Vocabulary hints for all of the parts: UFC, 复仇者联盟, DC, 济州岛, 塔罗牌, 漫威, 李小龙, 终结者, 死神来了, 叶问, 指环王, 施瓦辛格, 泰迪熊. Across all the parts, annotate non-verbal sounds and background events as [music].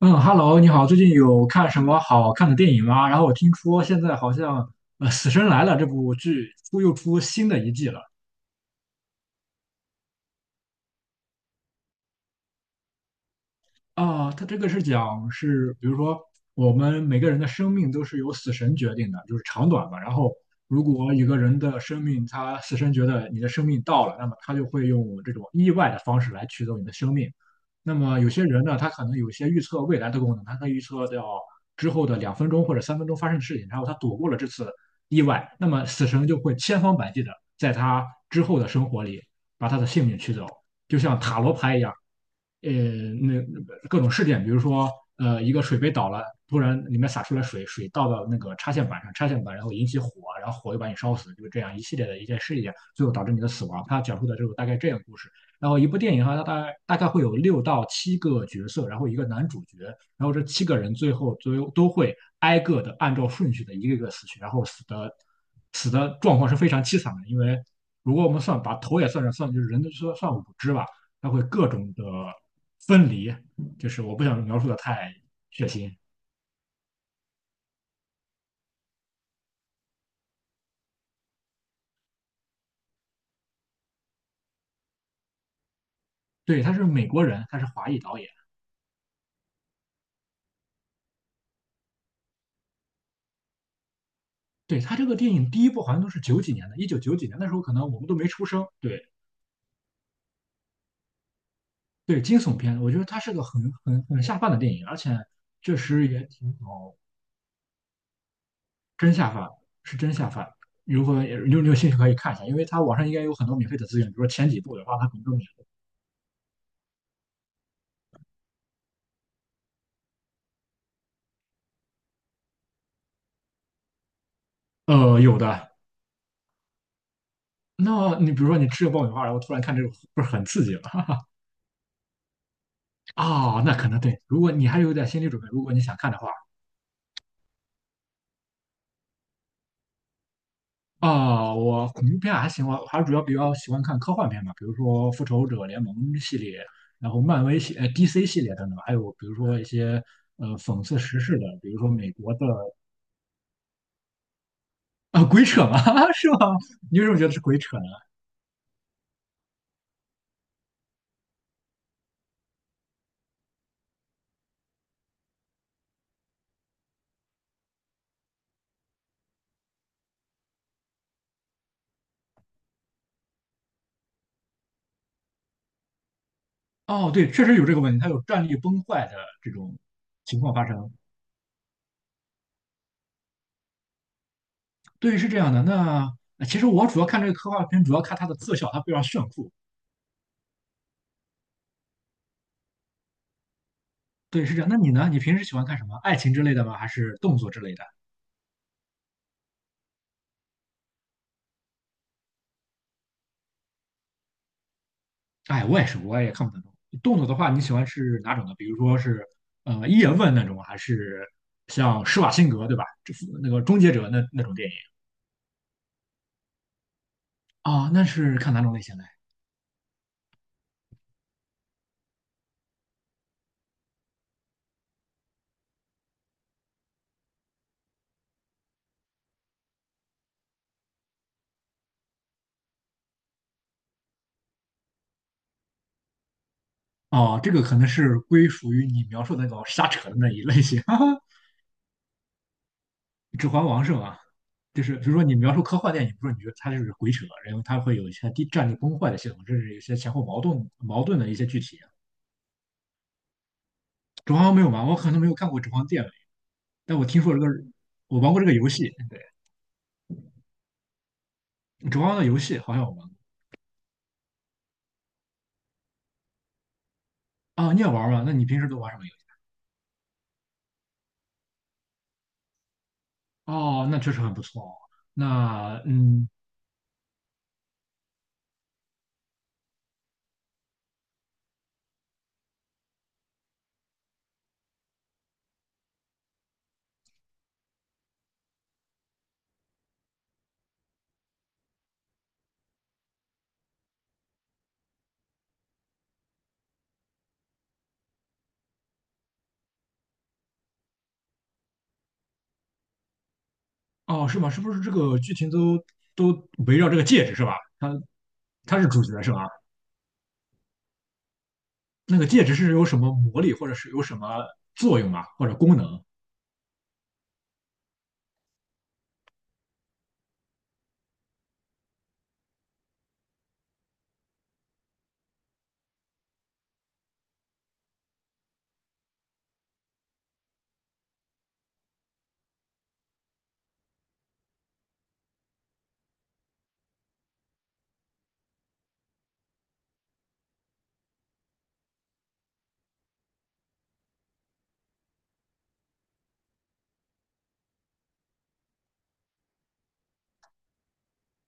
嗯，Hello，你好，最近有看什么好看的电影吗？然后我听说现在好像《死神来了》这部剧出又出新的一季了。啊，他这个是讲是，比如说我们每个人的生命都是由死神决定的，就是长短嘛。然后，如果一个人的生命，他死神觉得你的生命到了，那么他就会用这种意外的方式来取走你的生命。那么有些人呢，他可能有一些预测未来的功能，他可以预测到之后的2分钟或者3分钟发生的事情，然后他躲过了这次意外，那么死神就会千方百计的在他之后的生活里把他的性命取走，就像塔罗牌一样。呃，那各种事件，比如说，一个水杯倒了，突然里面洒出来水，水倒到那个插线板上，插线板然后引起火，然后火又把你烧死，就是这样一系列的一件事件，最后导致你的死亡。他讲述的就是大概这样的故事。然后一部电影哈，它大概会有六到七个角色，然后一个男主角，然后这七个人最后都会挨个的按照顺序的一个一个死去，然后死的状况是非常凄惨的，因为如果我们算把头也算上，算就是人的算算五只吧。它会各种的分离，就是我不想描述的太血腥。对，他是美国人，他是华裔导演。对，他这个电影第一部好像都是九几年的，一九九几年那时候可能我们都没出生。对对，惊悚片，我觉得他是个很下饭的电影，而且确实也挺好，真下饭，是真下饭。如果也你有兴趣可以看一下，因为它网上应该有很多免费的资源，比如说前几部的话，它可能都免。有的。那你比如说你吃个爆米花，然后突然看这个，不是很刺激吗？哦，那可能对。如果你还有点心理准备，如果你想看的话，啊、我恐怖片还行，我还主要比较喜欢看科幻片嘛，比如说《复仇者联盟》系列，然后漫威系、DC 系列等等，还有比如说一些讽刺时事的，比如说美国的啊、鬼扯嘛，[laughs] 是吗？你为什么觉得是鬼扯呢？哦，对，确实有这个问题，它有战力崩坏的这种情况发生。对，是这样的。那其实我主要看这个科幻片，主要看它的特效，它非常炫酷。对，是这样。那你呢？你平时喜欢看什么？爱情之类的吗？还是动作之类的？哎，我也是，我也看不太懂。动作的话，你喜欢是哪种的？比如说是叶问那种，还是像施瓦辛格对吧？那个终结者那种电影啊？那是看哪种类型的？哦，这个可能是归属于你描述的那种瞎扯的那一类型，[laughs] 哈哈。指环王是吗？就是比如说你描述科幻电影，不是你觉得它就是鬼扯，然后它会有一些地战力崩坏的系统，甚至有些前后矛盾的一些具体。《指环王》没有玩，我可能没有看过《指环王》电影，但我听说这个，我玩过这个游戏。对，《指环王》的游戏好像我玩过啊，你也玩吗？那你平时都玩什么游戏？哦，那确实很不错哦。那嗯，哦，是吗？是不是这个剧情都围绕这个戒指是吧？它是主角是吧？那个戒指是有什么魔力，或者是有什么作用啊，或者功能？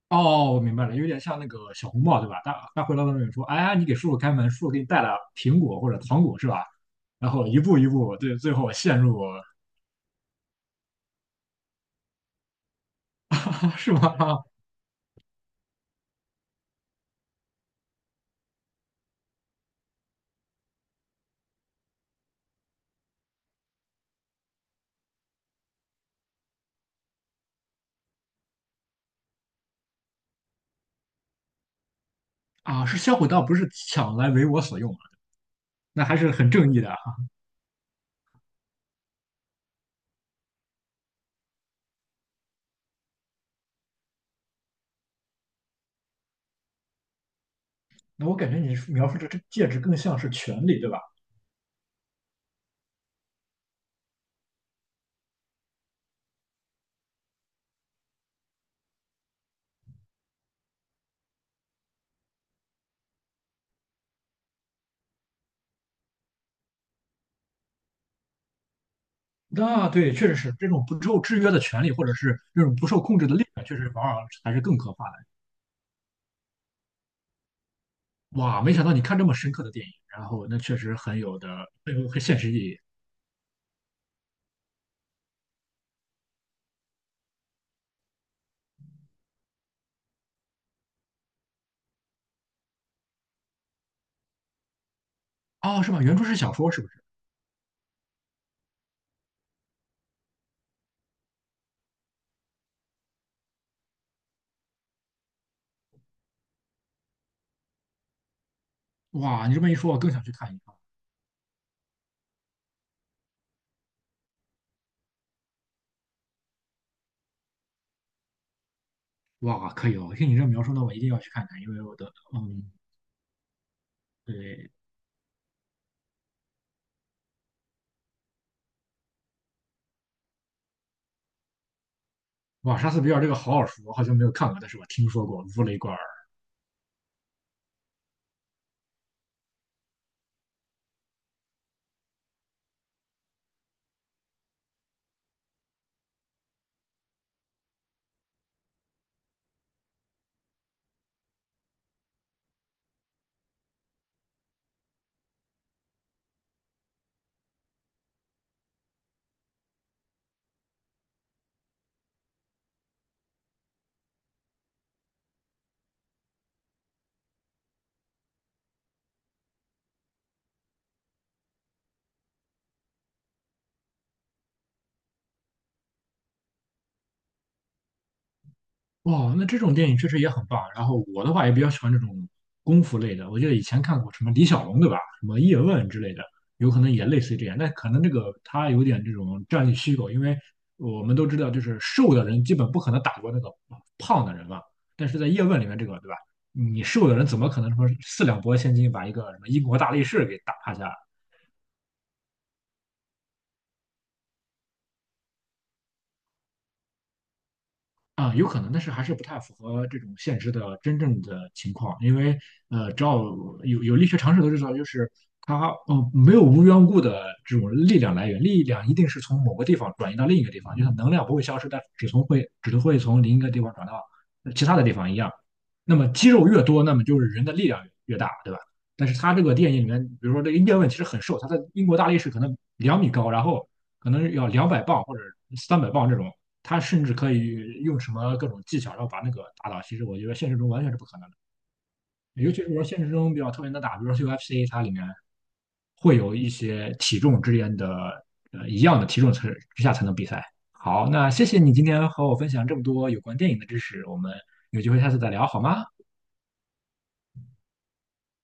哦，我明白了，有点像那个小红帽，对吧？他回到那里说："哎呀，你给叔叔开门，叔叔给你带了苹果或者糖果，是吧？"然后一步一步，对，最后陷入啊 [laughs] 是吗？啊啊，是销毁盗，不是抢来为我所用啊，那还是很正义的啊。那我感觉你描述的这戒指更像是权利，对吧？那对，确实是这种不受制约的权利，或者是这种不受控制的力量，确实往往还是更可怕的。哇，没想到你看这么深刻的电影，然后那确实很有的，很有很现实意义。哦，是吧？原著是小说，是不是？哇，你这么一说，我更想去看一看。哇，可以哦！听你这描述，那我一定要去看看，因为我的，嗯，对，哇，莎士比亚这个好耳熟，我好像没有看过，但是我听说过《无雷贯耳》。哇，那这种电影确实也很棒。然后我的话也比较喜欢这种功夫类的，我记得以前看过什么李小龙，对吧？什么叶问之类的，有可能也类似于这样。但可能这个他有点这种战略虚构，因为我们都知道，就是瘦的人基本不可能打过那个胖的人嘛。但是在叶问里面，这个对吧？你瘦的人怎么可能说四两拨千斤把一个什么英国大力士给打趴下？啊，有可能，但是还是不太符合这种现实的真正的情况，因为只要有力学常识都知道，就是它没有无缘无故的这种力量来源，力量一定是从某个地方转移到另一个地方，就像能量不会消失，但只会从另一个地方转到其他的地方一样。那么肌肉越多，那么就是人的力量越大，对吧？但是它这个电影里面，比如说这个叶问其实很瘦，他在英国大力士可能2米高，然后可能要200磅或者300磅这种。他甚至可以用什么各种技巧，然后把那个打倒。其实我觉得现实中完全是不可能的，尤其是说现实中比较特别能打，比如说 UFC，它里面会有一些体重之间的一样的体重之下才能比赛。好，那谢谢你今天和我分享这么多有关电影的知识，我们有机会下次再聊好吗？